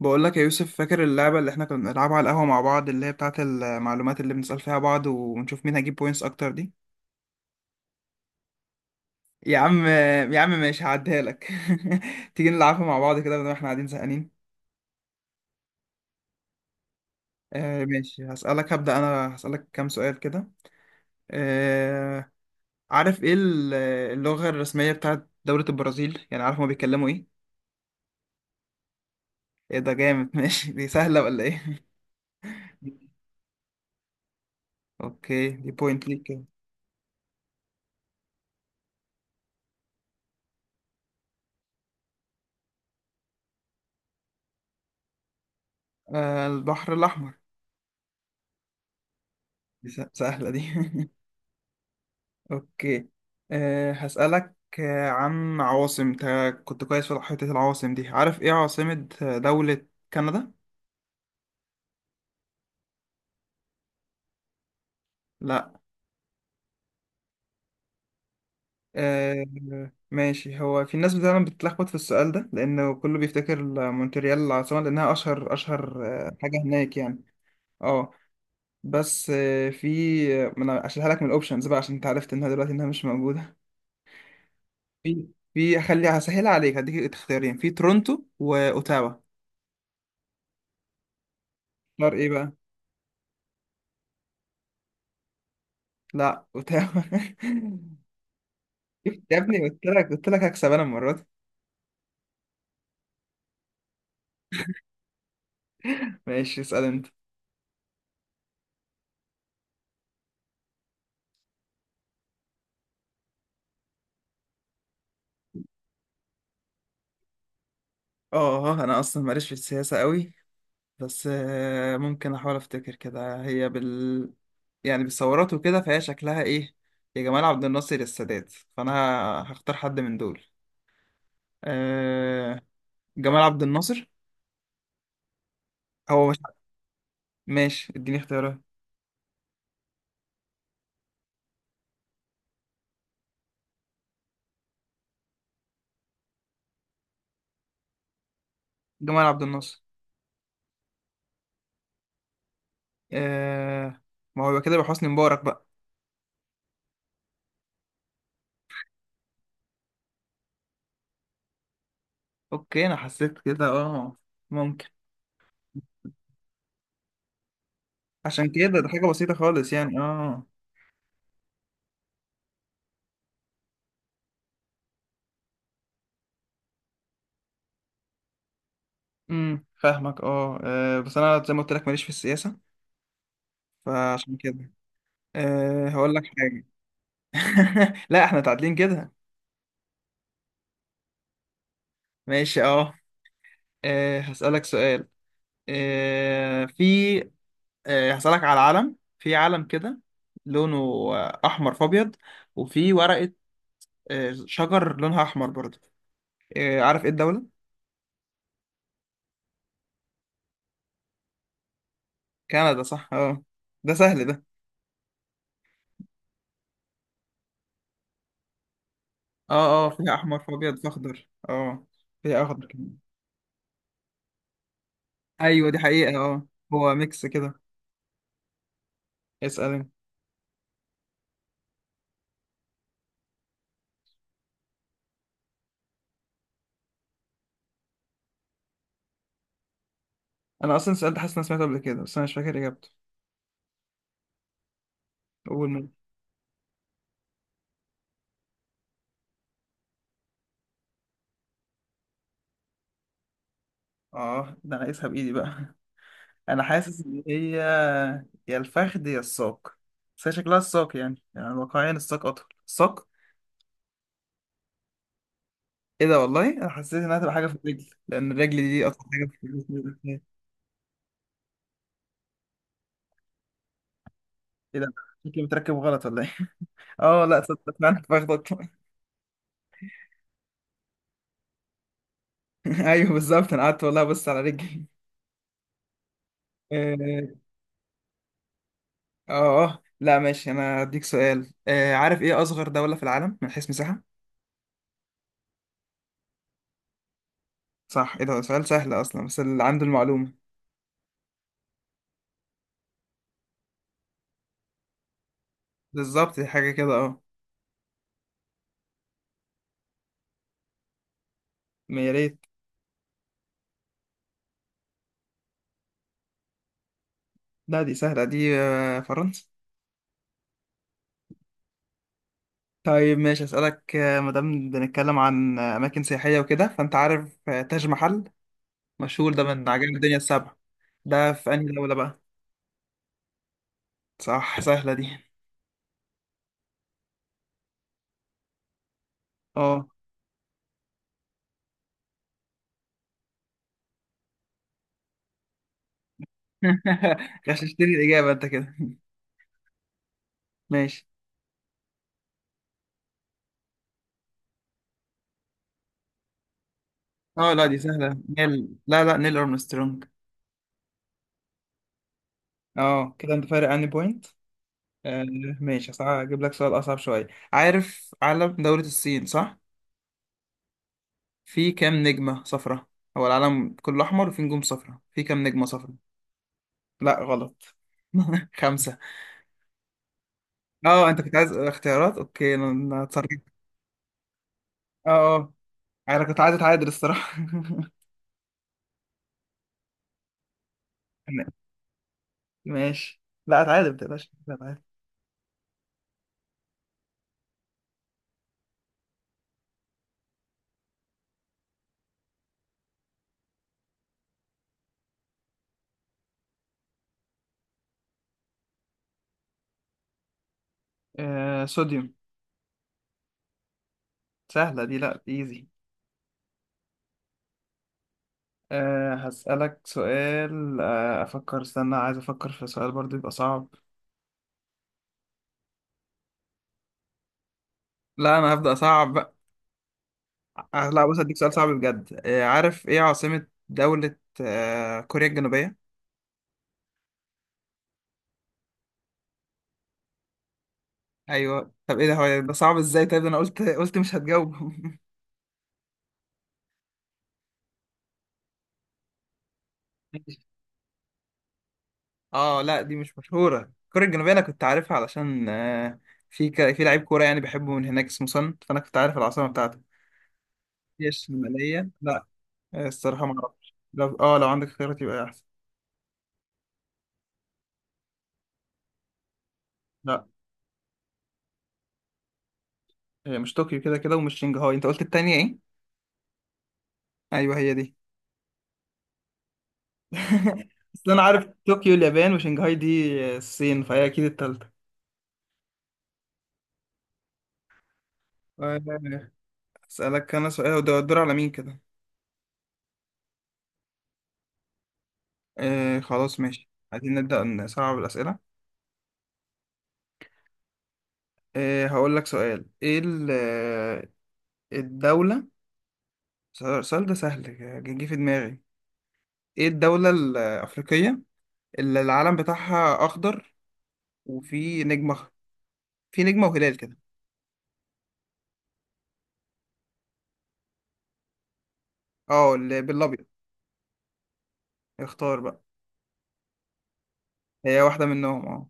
بقول لك يا يوسف، فاكر اللعبة اللي احنا كنا بنلعبها على القهوة مع بعض، اللي هي بتاعة المعلومات اللي بنسأل فيها بعض ونشوف مين هيجيب بوينتس أكتر دي؟ يا عم، يا عم ماشي هعديها لك. تيجي نلعبها مع بعض كده بدل ما احنا قاعدين زهقانين. ماشي، هسألك. هبدأ أنا هسألك كام سؤال كده. آه عارف ايه ال- اللغة الرسمية بتاعة دولة البرازيل، يعني عارف هما بيتكلموا ايه؟ ايه ده جامد! ماشي، دي سهلة ولا ايه؟ اوكي، دي بوينت ليك كده. آه، البحر الأحمر. دي سهلة دي. اوكي. هسألك عن عواصم. انت كنت كويس في حتة العواصم دي. عارف ايه عاصمة دولة كندا؟ لا. أه ماشي، هو في ناس فعلا بتتلخبط في السؤال ده لأنه كله بيفتكر مونتريال العاصمة، لأنها أشهر أشهر حاجة هناك يعني. اه، بس آه، في ما أنا هشيلها لك من الأوبشنز بقى، عشان أنت عرفت إنها دلوقتي إنها مش موجودة. في في هخليها، هسهلها عليك. هديك اختيارين، في تورونتو وأوتاوا. اختار ايه بقى؟ لا، اوتاوا. شفت يا ابني، قلت لك قلت لك هكسب انا المره دي. ماشي، اسال انت. اه، انا اصلا ماليش في السياسه قوي، بس ممكن احاول افتكر كده. هي يعني بالثورات وكده، فهي شكلها ايه، يا جمال عبد الناصر يا السادات، فانا هختار حد من دول. أه... جمال عبد الناصر. هو مش ماشي، اديني اختيارات. جمال عبد الناصر. أه... ما هو يبقى كده، يبقى حسني مبارك بقى. اوكي، انا حسيت كده، اه، ممكن. عشان كده ده حاجه بسيطه خالص يعني، اه. فاهمك، اه، بس انا زي ما قلت لك، ماليش في السياسه، فعشان كده هقول لك حاجه. لا احنا تعادلين كده. ماشي، اه، هسالك سؤال. أه في أه هسالك على علم، في علم كده، لونه احمر في ابيض، وفي ورقه شجر لونها احمر برضه. عارف ايه الدوله؟ كندا، صح، اه. ده سهل ده. اه اه، فيها احمر في ابيض في اخضر، اه، فيها اخضر كمان. ايوه دي حقيقه، اه، هو ميكس كده. اسأل انت. انا اصلا سألت، حاسس إن انا سمعته قبل كده بس انا مش فاكر اجابته. اول مرة. اه، ده انا قايسها بايدي بقى. انا حاسس ان هي يا الفخذ يا الساق، بس هي شكلها الساق يعني، يعني واقعيا الساق اطول، الساق. ايه ده! والله انا حسيت انها هتبقى حاجه في الرجل، لان الرجل دي اطول حاجه في الجسم. ايه ده، شكلي متركب غلط ولا ايه؟ اه، لا صدق، فعلا الفخذ اطول. ايوه بالظبط، انا قعدت والله بص على رجلي. اه اه لا ماشي، انا هديك سؤال، آه، عارف ايه اصغر دوله في العالم من حيث مساحه؟ صح. ايه ده سؤال سهل اصلا، بس اللي عنده المعلومة. بالظبط، دي حاجة كده، اه. ما يا ريت. لا دي سهلة دي، فرنسا. طيب ماشي، اسألك مادام بنتكلم عن أماكن سياحية وكده، فأنت عارف تاج محل، مشهور ده من عجائب الدنيا السبع. ده في أنهي دولة بقى؟ صح، سهلة دي. اه. غششتني الإجابة أنت كده. ماشي، اه، لا دي سهلة، نيل، لا لا، نيل أرمسترونج. اه، كده أنت فارق عني بوينت. آه ماشي، هجيب لك سؤال أصعب شوية. عارف علم دولة الصين، صح؟ في كام نجمة صفرة؟ هو العلم كله أحمر وفي نجوم صفرة، في كام نجمة صفرة؟ لا غلط. 5. اه، انت كنت عايز اختيارات، اوكي، أنا اتسرعت. اه، اه، انا كنت عايز اتعادل الصراحة. ماشي، لا اتعادل ما تقلقش، لا، اتعادل. آه، صوديوم. سهلة دي، لا ايزي. هسألك سؤال، آه أفكر استنى، عايز أفكر في سؤال برضو يبقى صعب. لا أنا هبدأ صعب. لا بص، هديك سؤال صعب بجد، عارف ايه عاصمة دولة كوريا الجنوبية؟ ايوه. طب ايه ده، هو ده صعب ازاي؟ طيب ده انا قلت قلت مش هتجاوب. اه لا، دي مش مشهورة، كوريا الجنوبية انا كنت عارفها علشان في لعيب كورة يعني بحبه من هناك اسمه سون، فانا كنت عارف العاصمة بتاعته. هي الشمالية؟ لا، الصراحة ما اعرفش. لو اه، لو عندك اختيارات يبقى احسن. لا، هي مش طوكيو كده كده، ومش شنغهاي. انت قلت التانية ايه؟ ايوه هي دي. اصل انا عارف طوكيو اليابان، وشنغهاي دي الصين، فهي اكيد التالتة. آه، اسالك انا سؤال، وده الدور على مين كده؟ آه خلاص ماشي، عايزين نبدا نصعب الاسئله. هقول لك سؤال. ايه الدوله؟ السؤال ده سهل، جه في دماغي. ايه الدوله الافريقيه اللي العلم بتاعها اخضر وفي في نجمه وهلال كده؟ اه، اللي بالابيض. اختار بقى. هي واحده منهم، اه.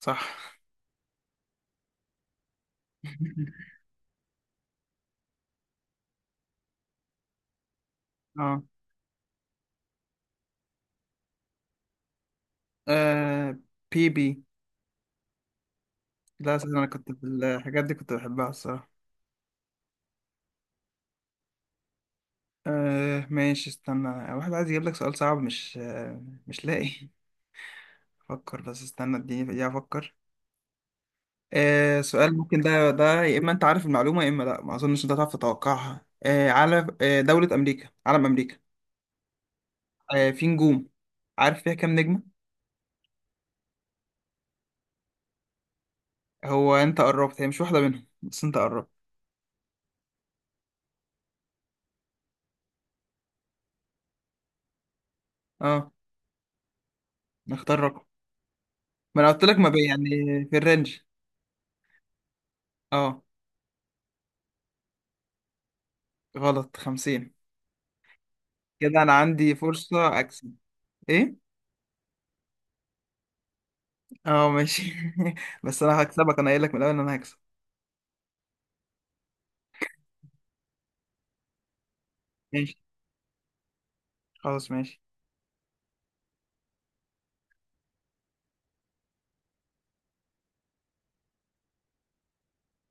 صح. اه. آه Pb. لا أساسا أنا كنت في الحاجات دي، كنت بحبها الصراحة. ماشي استنى، واحد عايز يجيب لك سؤال صعب، مش مش لاقي. أفكر بس، استنى اديني دقيقة أفكر. آه سؤال ممكن ده يا إما أنت عارف المعلومة يا إما لأ، ما أظنش أنت هتعرف تتوقعها. آه على آه دولة أمريكا، علم أمريكا، في نجوم، عارف فيها كام نجمة؟ هو أنت قربت، هي مش واحدة منهم، بس أنت قربت. أه نختار رقم. ما أنا قلت لك ما بي يعني، في الرينج. أه غلط، 50. كده انا عندي فرصة اكسب. ايه، اه ماشي. بس انا هكسبك، انا قايل لك من الاول ان انا هكسب. ماشي، خلاص ماشي.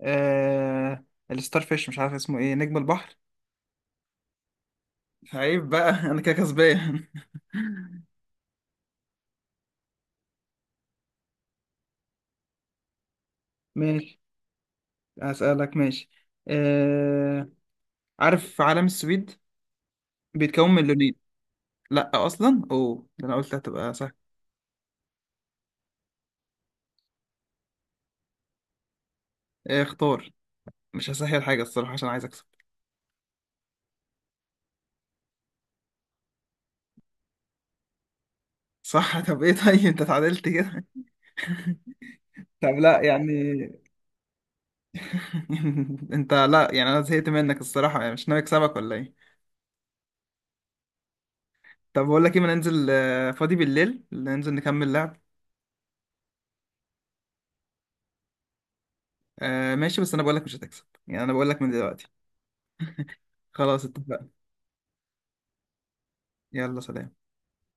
آه... الستار فيش، مش عارف اسمه ايه، نجم البحر. عيب بقى. انا كده كسبان. ماشي، هسألك ماشي. آه... عارف علم السويد بيتكون من لونين؟ لا اصلا، اوه ده انا قلت هتبقى سهل. اختار، مش هسهل حاجة الصراحة عشان عايز اكسب. صح. طب ايه، طيب انت اتعادلت كده. طب لا يعني. انت لا يعني، انا زهقت منك الصراحه يعني، مش ناوي اكسبك ولا ايه؟ طب بقول لك ايه، ما ننزل فاضي بالليل ننزل نكمل لعب. ماشي، بس انا بقول لك مش هتكسب يعني، انا بقول لك من دلوقتي. خلاص اتفقنا. يلا سلام.